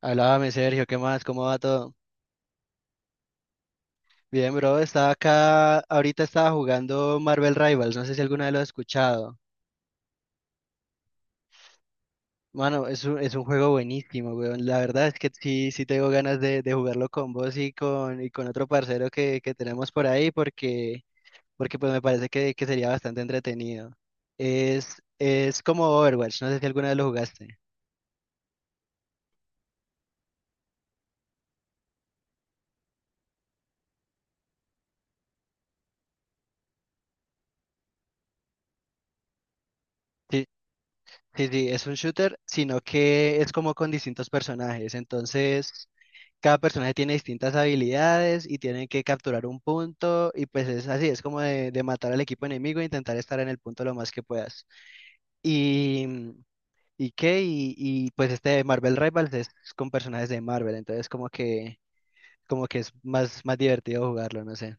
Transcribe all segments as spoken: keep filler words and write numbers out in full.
Háblame, Sergio, ¿qué más? ¿Cómo va todo? Bien, bro, estaba acá, ahorita estaba jugando Marvel Rivals, no sé si alguna vez lo has escuchado. Mano, es un, es un juego buenísimo, weón. La verdad es que sí, sí tengo ganas de, de jugarlo con vos y con, y con otro parcero que, que tenemos por ahí porque, porque pues me parece que, que sería bastante entretenido. Es, es como Overwatch, no sé si alguna vez lo jugaste. Sí, sí, sí, es un shooter, sino que es como con distintos personajes, entonces. Cada personaje tiene distintas habilidades y tienen que capturar un punto y pues es así, es como de, de matar al equipo enemigo e intentar estar en el punto lo más que puedas. Y, mm, y qué, y, y, pues este Marvel Rivals es con personajes de Marvel, entonces como que, como que es más, más divertido jugarlo, no sé.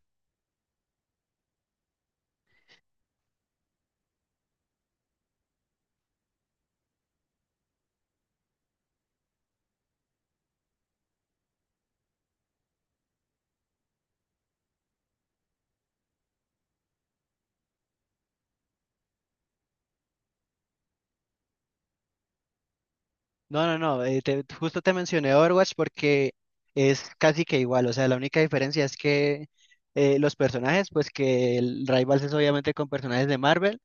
No, no, no, eh, te- justo te mencioné Overwatch porque es casi que igual, o sea, la única diferencia es que eh, los personajes, pues que el Rivals es obviamente con personajes de Marvel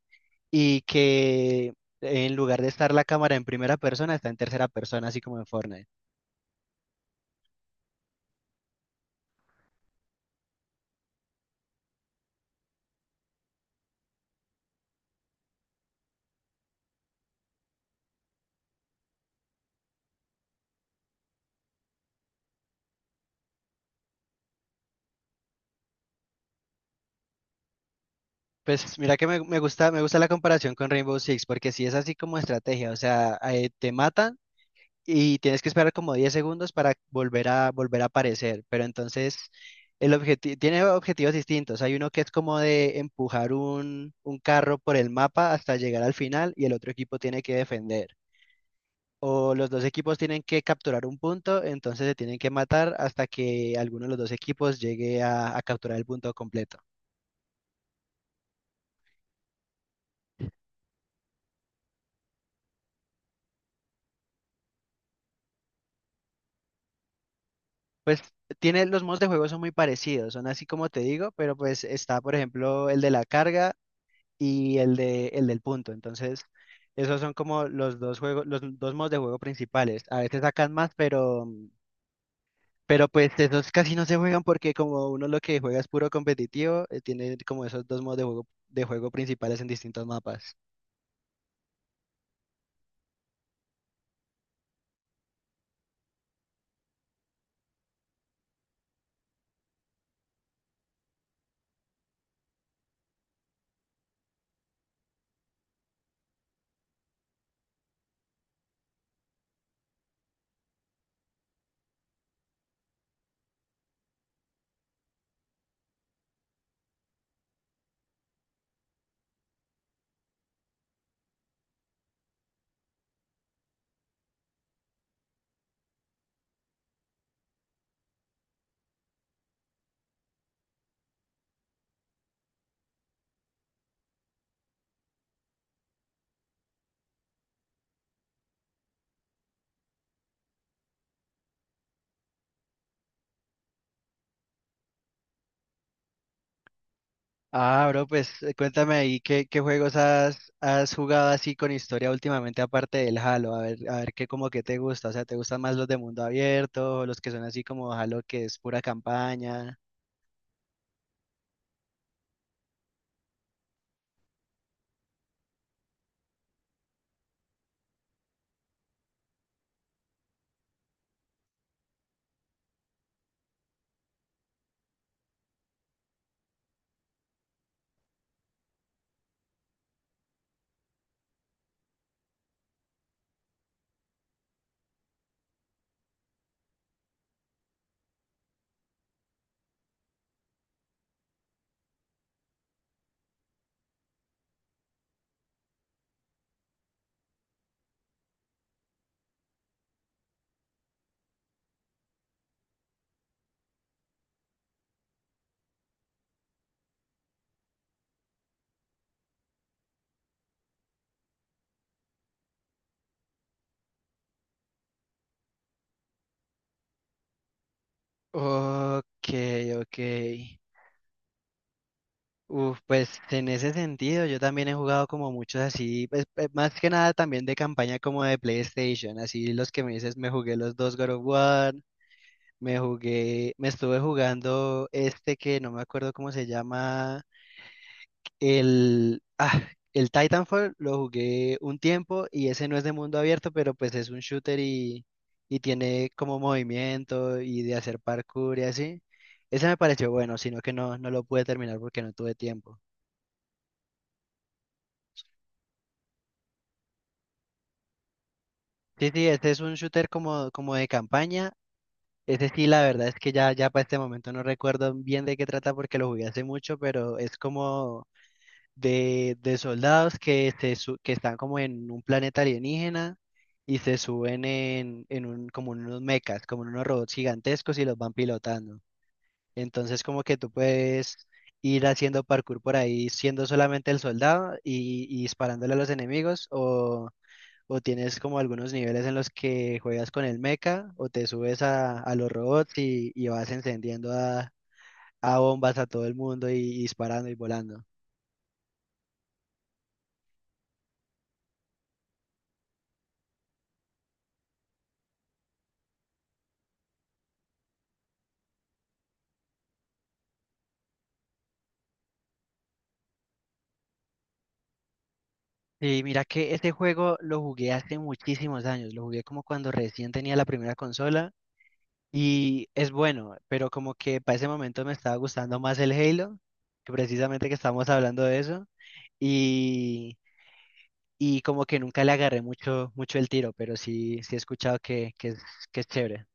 y que en lugar de estar la cámara en primera persona, está en tercera persona, así como en Fortnite. Pues mira que me, me gusta, me gusta la comparación con Rainbow Six, porque si es así como estrategia, o sea, eh, te matan y tienes que esperar como diez segundos para volver a, volver a aparecer, pero entonces el objetivo, tiene objetivos distintos. Hay uno que es como de empujar un, un carro por el mapa hasta llegar al final y el otro equipo tiene que defender, o los dos equipos tienen que capturar un punto, entonces se tienen que matar hasta que alguno de los dos equipos llegue a, a capturar el punto completo. Pues tiene, los modos de juego son muy parecidos, son así como te digo, pero pues está, por ejemplo, el de la carga y el de, el del punto. Entonces, esos son como los dos juegos, los dos modos de juego principales. A veces sacan más, pero, pero pues esos casi no se juegan porque como uno lo que juega es puro competitivo, eh, tiene como esos dos modos de juego, de juego principales en distintos mapas. Ah, bro, pues eh, cuéntame ahí qué, qué juegos has, has jugado así con historia últimamente aparte del Halo, a ver, a ver qué como que te gusta, o sea, ¿te gustan más los de mundo abierto, o los que son así como Halo que es pura campaña? Ok, ok. Uf, pues en ese sentido yo también he jugado como muchos así, pues, eh, más que nada también de campaña como de PlayStation, así los que me dices, me jugué los dos God of War, me jugué, me estuve jugando este que no me acuerdo cómo se llama. El, ah, el Titanfall lo jugué un tiempo y ese no es de mundo abierto, pero pues es un shooter y, y tiene como movimiento y de hacer parkour y así. Ese me pareció bueno, sino que no, no lo pude terminar porque no tuve tiempo. Sí, sí, este es un shooter como, como de campaña. Ese sí, la verdad es que ya, ya para este momento no recuerdo bien de qué trata porque lo jugué hace mucho, pero es como de, de soldados que, se su- que están como en un planeta alienígena y se suben en, en un, como en unos mechas, como en unos robots gigantescos y los van pilotando. Entonces como que tú puedes ir haciendo parkour por ahí siendo solamente el soldado y, y disparándole a los enemigos o, o tienes como algunos niveles en los que juegas con el mecha o te subes a, a los robots y, y vas encendiendo a, a bombas a todo el mundo y y disparando y volando. Sí, mira que este juego lo jugué hace muchísimos años, lo jugué como cuando recién tenía la primera consola y es bueno, pero como que para ese momento me estaba gustando más el Halo, que precisamente que estábamos hablando de eso, y, y como que nunca le agarré mucho, mucho el tiro, pero sí, sí he escuchado que, que es, que es chévere.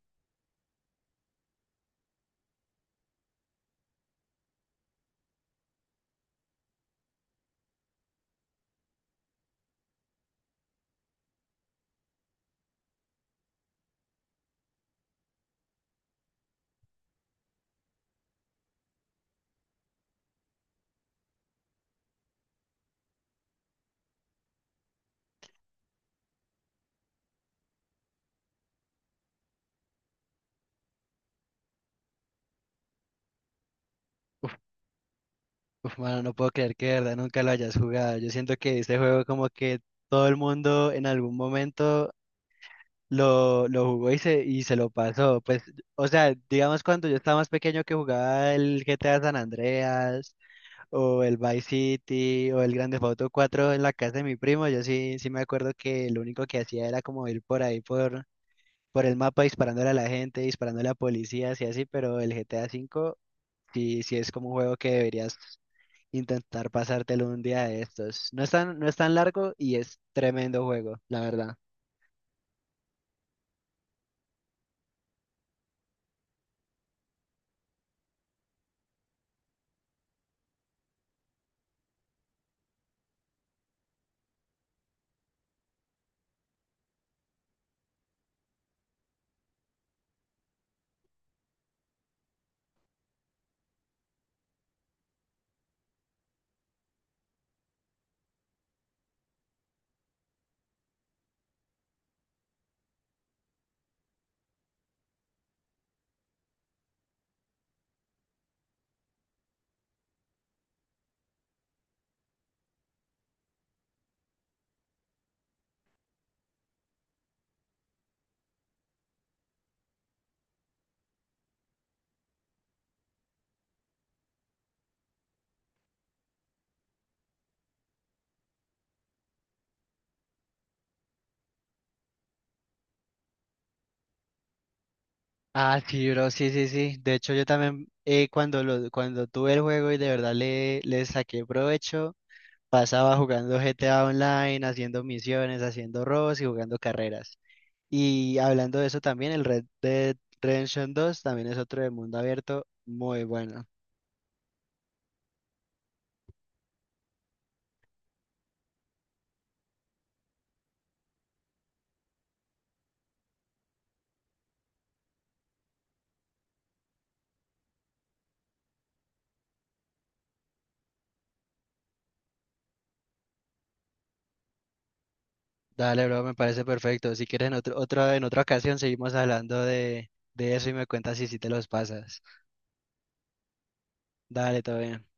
Uf, uf, mano, no puedo creer que de verdad nunca lo hayas jugado. Yo siento que este juego como que todo el mundo en algún momento lo, lo jugó y se, y se lo pasó. Pues, o sea, digamos cuando yo estaba más pequeño que jugaba el G T A San Andreas o el Vice City o el Grand Theft Auto cuatro en la casa de mi primo, yo sí, sí me acuerdo que lo único que hacía era como ir por ahí por, por el mapa disparándole a la gente, disparándole a policías y así, pero el G T A cinco sí, sí es como un juego que deberías intentar pasártelo un día de estos. No es tan, no es tan largo y es tremendo juego, la verdad. Ah, sí, bro, sí, sí, sí. De hecho, yo también eh, cuando lo, cuando tuve el juego y de verdad le, le saqué provecho, pasaba jugando G T A Online, haciendo misiones, haciendo robos y jugando carreras. Y hablando de eso también, el Red Dead Redemption dos también es otro de mundo abierto muy bueno. Dale, bro, me parece perfecto. Si quieres en otro, otra en otra ocasión seguimos hablando de, de eso y me cuentas si sí te los pasas. Dale, todo bien.